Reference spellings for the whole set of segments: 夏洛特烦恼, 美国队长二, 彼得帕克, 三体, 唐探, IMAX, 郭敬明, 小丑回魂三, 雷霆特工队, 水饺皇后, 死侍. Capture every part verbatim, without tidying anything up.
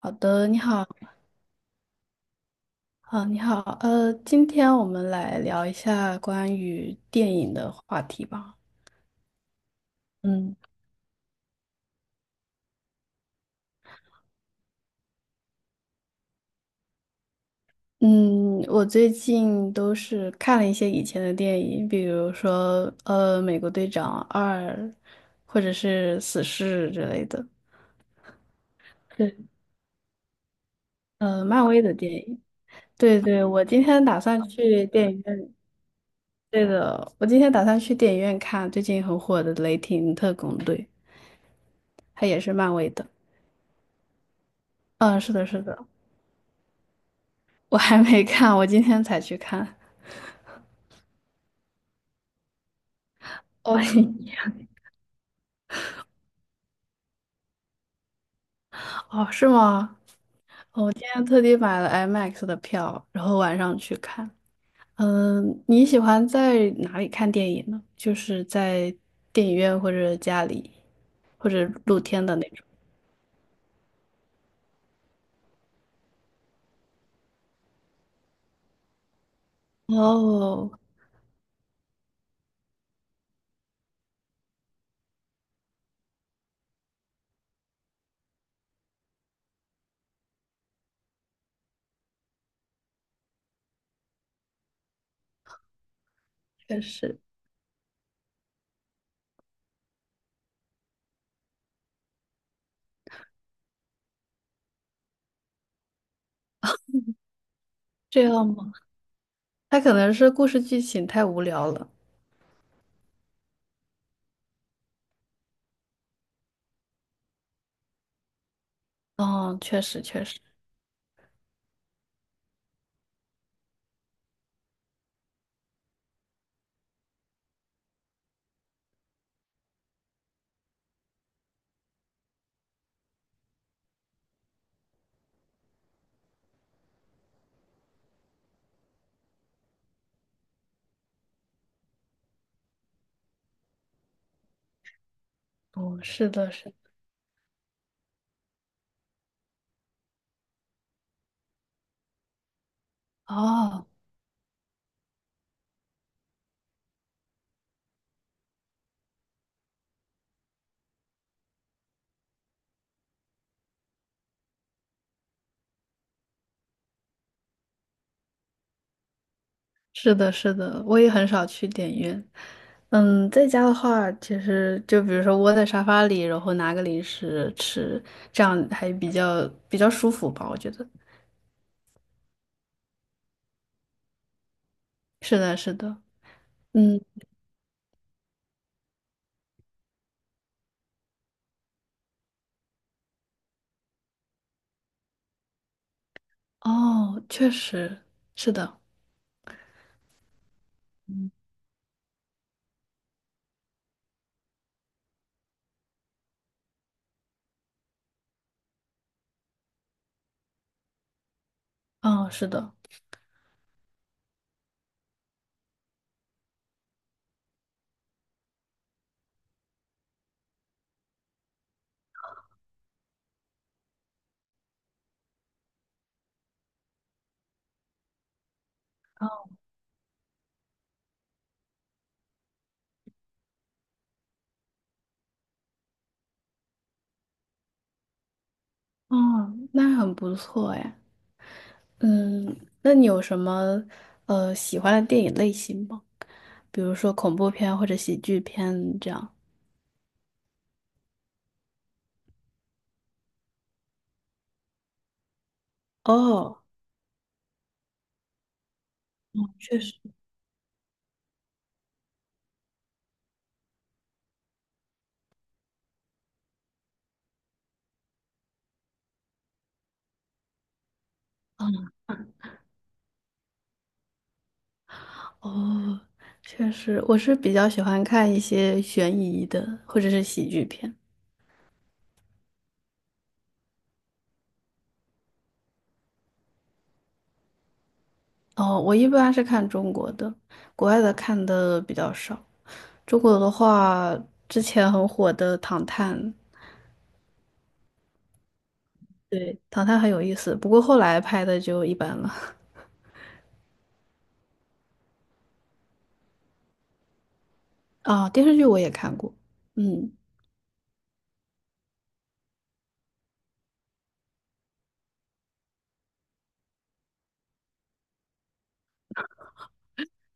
好的，你好，啊，你好，呃，今天我们来聊一下关于电影的话题吧。嗯嗯，我最近都是看了一些以前的电影，比如说呃《美国队长二》，或者是《死侍》之类的，对，呃，漫威的电影。对对，我今天打算去电影院。对的，我今天打算去电影院看最近很火的《雷霆特工队》，它也是漫威的。嗯，是的，是的。我还没看，我今天才去看 哦，哦，是吗？哦，我今天特地买了 I M A X 的票，然后晚上去看。嗯，你喜欢在哪里看电影呢？就是在电影院或者家里，或者露天的那种。哦，确实。这样吗？他可能是故事剧情太无聊了。哦，确实确实。哦，是的，是的。哦。是的，是的，我也很少去电影院。嗯，在家的话，其实就比如说窝在沙发里，然后拿个零食吃，这样还比较比较舒服吧，我觉得。是的，是的，嗯，哦，确实是的，哦，是的，哦，那很不错哎。嗯，那你有什么呃喜欢的电影类型吗？比如说恐怖片或者喜剧片这样。哦，确实。哦，确实，我是比较喜欢看一些悬疑的或者是喜剧片。哦，我一般是看中国的，国外的看的比较少。中国的话，之前很火的《唐探》，对，《唐探》很有意思，不过后来拍的就一般了。啊、电视剧我也看过，嗯，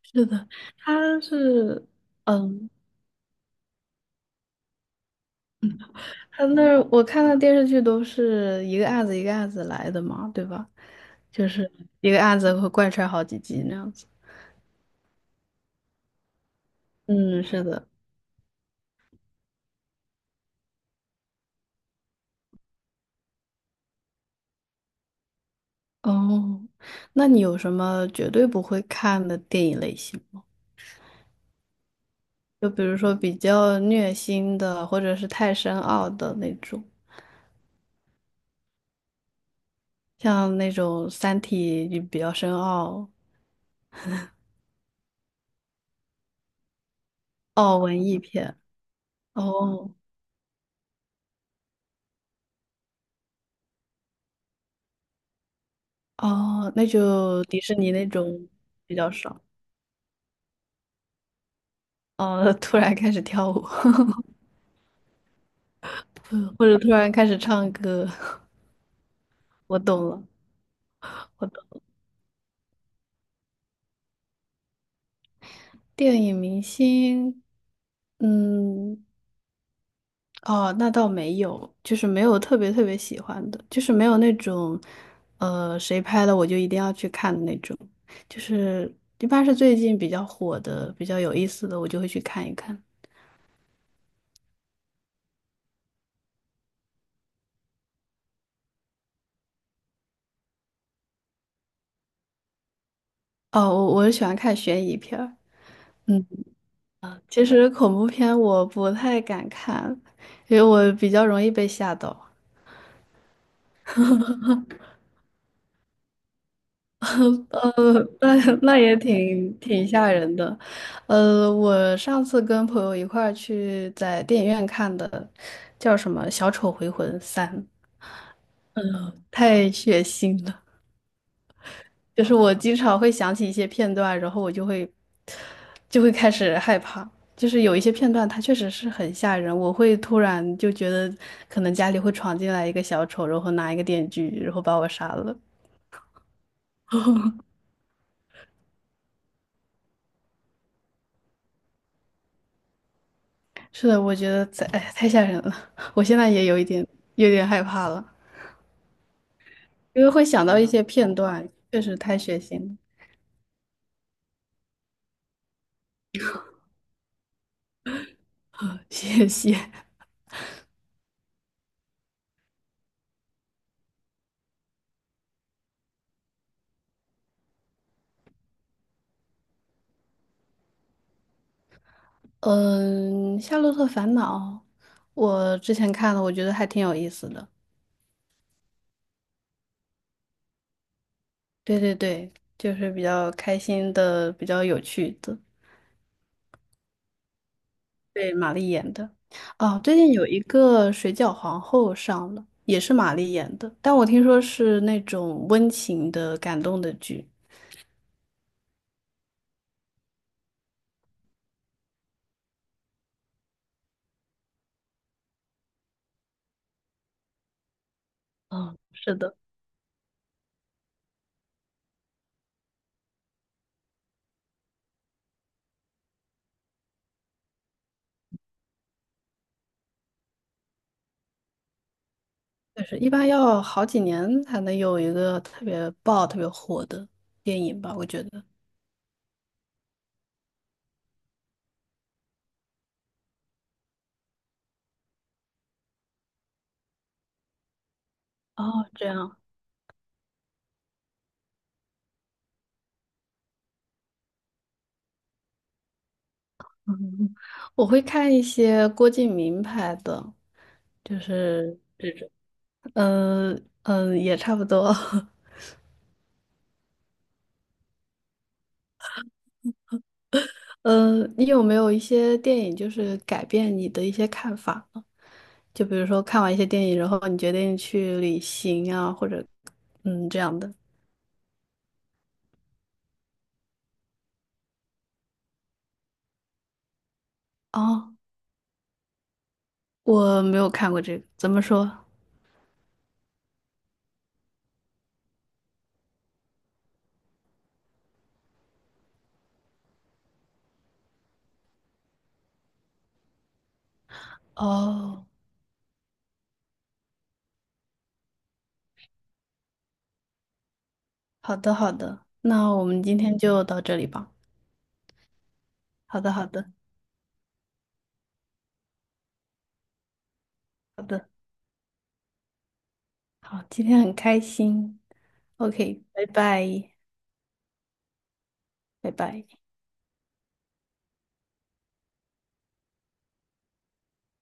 是的，他是，嗯，他那儿我看的电视剧都是一个案子一个案子来的嘛，对吧？就是一个案子会贯穿好几集那样子。嗯，是的。哦，那你有什么绝对不会看的电影类型吗？就比如说比较虐心的，或者是太深奥的那种，像那种《三体》就比较深奥，哦，文艺片。哦哦，那就迪士尼那种比较少。哦，突然开始跳舞，或者突然开始唱歌，我懂了，我懂。电影明星，嗯。哦，那倒没有，就是没有特别特别喜欢的，就是没有那种，呃，谁拍的我就一定要去看的那种，就是一般是最近比较火的、比较有意思的，我就会去看一看。哦，我我喜欢看悬疑片儿。嗯，其实恐怖片我不太敢看，因为我比较容易被吓到。呃，那那也挺挺吓人的。呃，我上次跟朋友一块儿去在电影院看的，叫什么《小丑回魂三》，太血腥了。就是我经常会想起一些片段，然后我就会就会开始害怕。就是有一些片段，它确实是很吓人，我会突然就觉得可能家里会闯进来一个小丑，然后拿一个电锯，然后把我杀了。是的，我觉得在，哎，太吓人了，我现在也有一点有点害怕了。因为会想到一些片段，确实太血腥了。谢谢。嗯，《夏洛特烦恼》，我之前看了，我觉得还挺有意思的。对对对，就是比较开心的，比较有趣的。对，玛丽演的。哦，最近有一个《水饺皇后》上了，也是玛丽演的，但我听说是那种温情的、感动的剧。嗯，是的。就是一般要好几年才能有一个特别爆、特别火的电影吧，我觉得。哦，这样，嗯，我会看一些郭敬明拍的，就是，嗯嗯，也差不多。嗯，你有没有一些电影就是改变你的一些看法呢？就比如说看完一些电影，然后你决定去旅行啊，或者嗯这样的。哦，我没有看过这个，怎么说？哦。好的，好的，那我们今天就到这里吧。好的，好的，好的，好，今天很开心。OK，拜拜，拜拜。